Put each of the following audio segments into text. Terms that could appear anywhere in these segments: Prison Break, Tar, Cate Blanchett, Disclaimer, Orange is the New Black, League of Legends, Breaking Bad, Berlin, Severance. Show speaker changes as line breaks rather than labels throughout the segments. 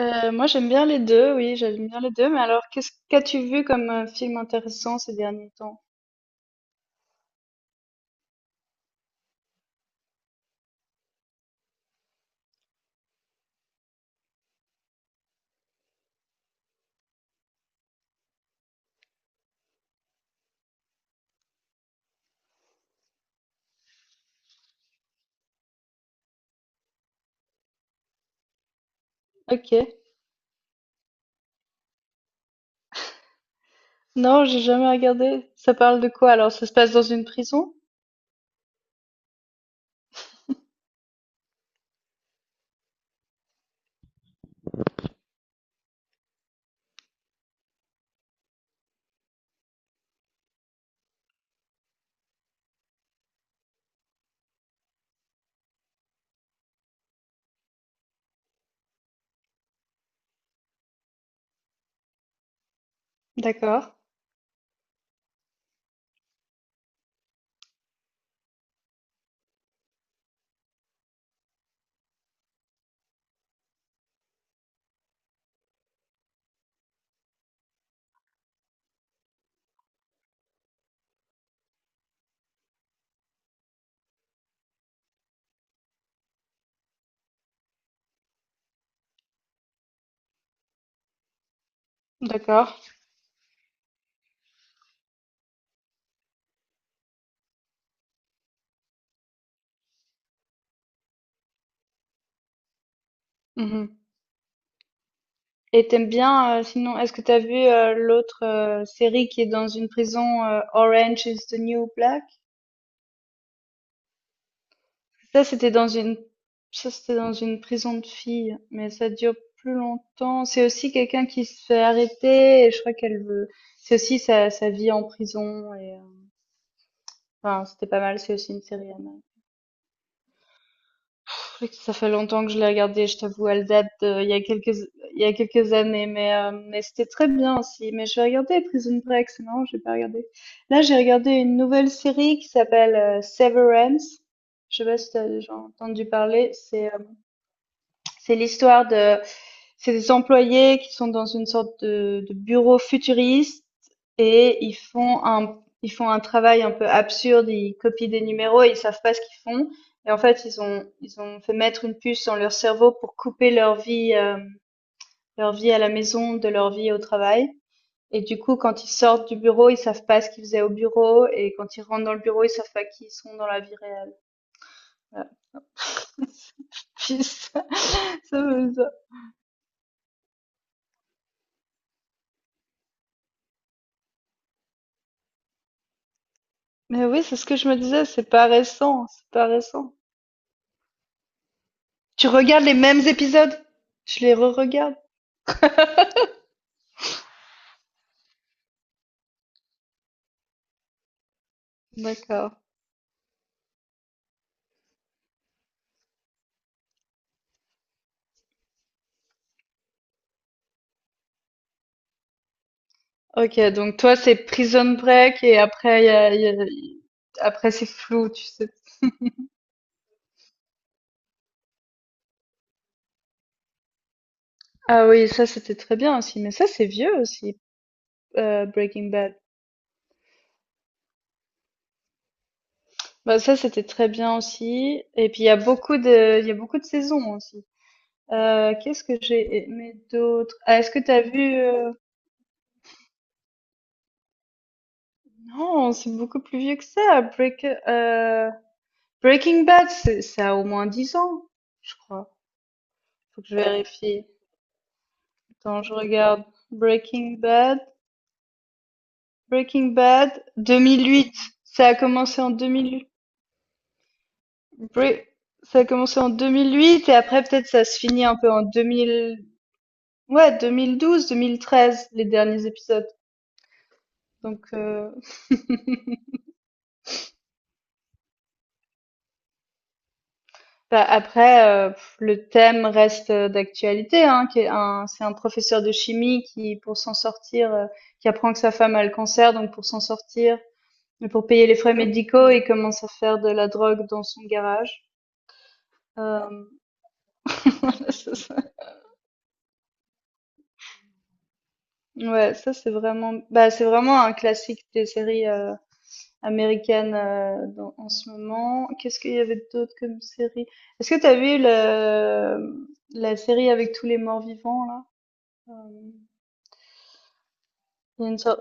Moi j'aime bien les deux, oui, j'aime bien les deux, mais alors qu'est-ce qu'as-tu vu comme film intéressant ces derniers temps? Ok. Non, j'ai jamais regardé. Ça parle de quoi alors? Ça se passe dans une prison? D'accord, d'accord. Mhm. Et t'aimes bien, sinon, est-ce que t'as vu l'autre série qui est dans une prison, Orange is the New Black? Ça, c'était dans une, Ça, c'était dans une prison de filles, mais ça dure plus longtemps. C'est aussi quelqu'un qui se fait arrêter et je crois qu'elle veut. C'est aussi sa vie en prison et enfin, c'était pas mal. C'est aussi une série. Anna. Pff, ça fait longtemps que je l'ai regardée. Je t'avoue, elle date de- il y a quelques, il y a quelques années, mais c'était très bien aussi. Mais je vais regarder Prison Break. C'est marrant, j'ai pas regardé. Là, j'ai regardé une nouvelle série qui s'appelle Severance. Je sais pas si t'as déjà entendu parler. C'est l'histoire de C'est des employés qui sont dans une sorte de bureau futuriste et ils font un travail un peu absurde, ils copient des numéros et ils savent pas ce qu'ils font. Et en fait, ils ont fait mettre une puce dans leur cerveau pour couper leur vie à la maison de leur vie au travail. Et du coup, quand ils sortent du bureau, ils savent pas ce qu'ils faisaient au bureau. Et quand ils rentrent dans le bureau, ils savent pas qui ils sont dans la vie réelle. Voilà. Puis ça me- ça- Mais oui, c'est ce que je me disais, c'est pas récent, c'est pas récent. Tu regardes les mêmes épisodes? Tu les re-regardes? D'accord. OK, donc toi, c'est Prison Break et après, après c'est flou, tu sais. Ah oui, ça, c'était très bien aussi. Mais ça, c'est vieux aussi, Breaking Bad. Bah, ça, c'était très bien aussi. Et puis, il y a beaucoup de saisons aussi. Qu'est-ce que j'ai aimé d'autre? Ah, est-ce que t'as vu, non, c'est beaucoup plus vieux que ça. Breaking Bad, ça a au moins 10 ans, je crois. Faut que je vérifie. Attends, je regarde. Breaking Bad. Breaking Bad, 2008. Ça a commencé en 2008. Bre- Ça a commencé en 2008 et après peut-être ça se finit un peu en 2000. Ouais, 2012, 2013, les derniers épisodes. Donc euh, bah, après, pff, le thème reste d'actualité, hein, c'est un professeur de chimie qui, pour s'en sortir, qui apprend que sa femme a le cancer, donc pour s'en sortir, et pour payer les frais médicaux, il commence à faire de la drogue dans son garage. Euh, c'est ça. Ouais, ça c'est vraiment bah, c'est vraiment un classique des séries, américaines, dans en ce moment. Qu'est-ce qu'il y avait d'autre comme série? Est-ce que t'as vu le la série avec tous les morts-vivants là? Hem, il y a une sor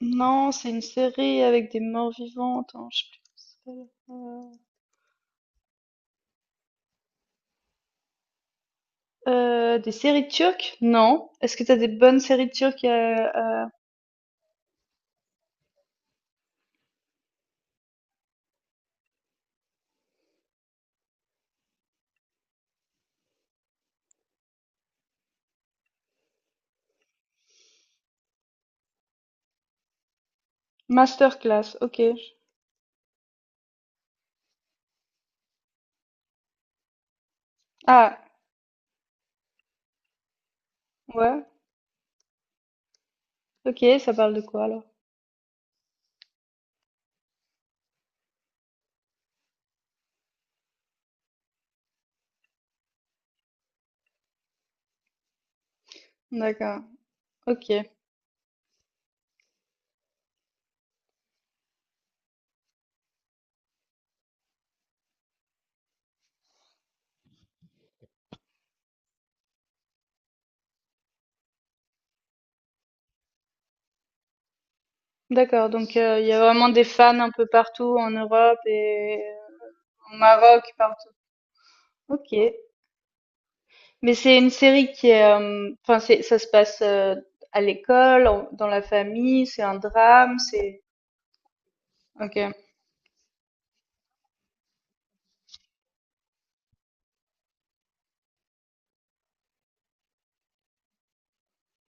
non, c'est une série avec des morts-vivants. Attends, je sais plus comment ça s'appelle. Des séries turques? Non. Est-ce que t'as des bonnes séries turques, heu? Masterclass, OK. Ah, ouais. OK, ça parle de quoi alors? D'accord, OK. D'accord, donc il y a vraiment des fans un peu partout en Europe et au Maroc, partout. OK. Mais c'est une série qui est, enfin c'est ça se passe, à l'école, en dans la famille, c'est un drame, c'est OK.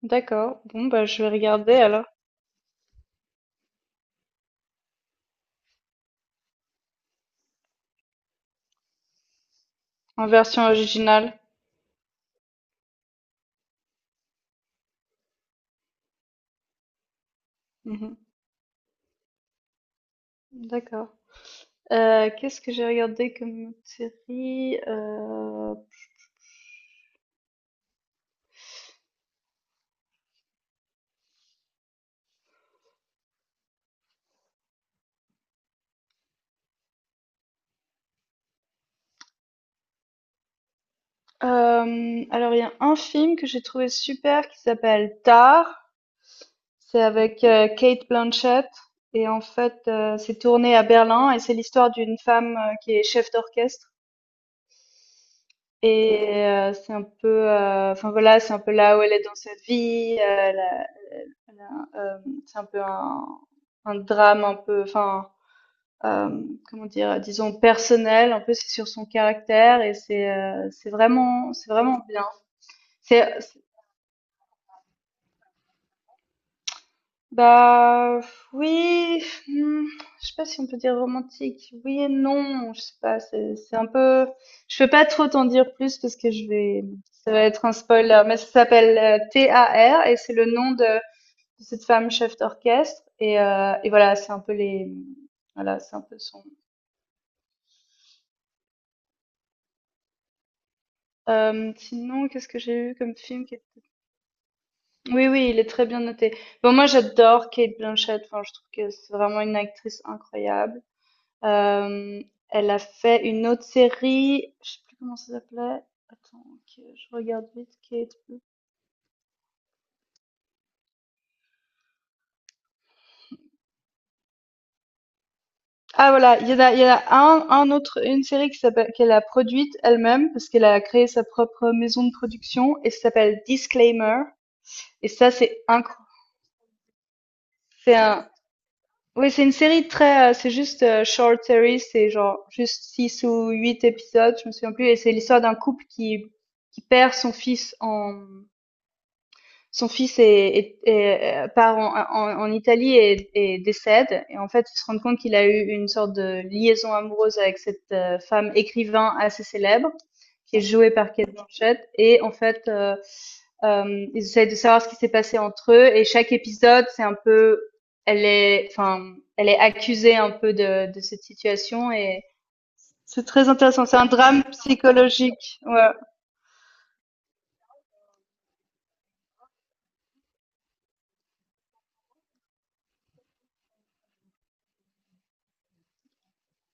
D'accord. Bon bah, je vais regarder alors, en version originale. Mmh. D'accord. Qu'est-ce que j'ai regardé comme autre série? Alors il y a un film que j'ai trouvé super qui s'appelle Tar. C'est avec, Cate Blanchett et en fait, c'est tourné à Berlin et c'est l'histoire d'une femme, qui est chef d'orchestre et c'est un peu, enfin voilà, c'est un peu là où elle est dans sa vie, c'est un peu un drame un peu enfin, comment dire? Disons personnel, un peu c'est sur son caractère et c'est vraiment bien. C'est Bah oui, hmm, je sais pas si on peut dire romantique. Oui et non, je sais pas. C'est un peu. Je peux pas trop t'en dire plus parce que je vais. Ça va être un spoiler, mais ça s'appelle T A R et c'est le nom de cette femme chef d'orchestre et voilà, c'est un peu les. Voilà, c'est un peu son. Sinon, qu'est-ce que j'ai eu comme film oui, oui, il est très bien noté. Bon, moi, j'adore Kate Blanchett. Enfin, je trouve que c'est vraiment une actrice incroyable. Euh, elle a fait une autre série, je sais plus comment ça s'appelait. Attends, que je regarde vite ah voilà, il y en a un autre, une série qui s'appelle, qu'elle a produite elle-même parce qu'elle a créé sa propre maison de production et ça s'appelle Disclaimer. Et ça, c'est incroyable. C'est un, oui, c'est une série très, c'est juste short series, c'est genre juste 6 ou 8 épisodes, je me souviens plus. Et c'est l'histoire d'un couple qui perd son fils en son fils part en, en Italie et décède. Et en fait, il se rend compte qu'il a eu une sorte de liaison amoureuse avec cette femme écrivain assez célèbre, qui est jouée par Kate Blanchett. Et en fait, ils essayent de savoir ce qui s'est passé entre eux. Et chaque épisode, c'est un peu, elle est, enfin, elle est accusée un peu de cette situation. Et c'est très intéressant. C'est un drame psychologique. Ouais.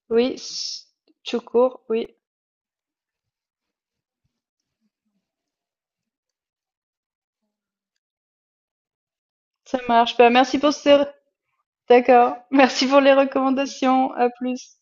Oui, tout court. Oui, ça marche. Bah, merci pour ce D'accord. Merci pour les recommandations. À plus.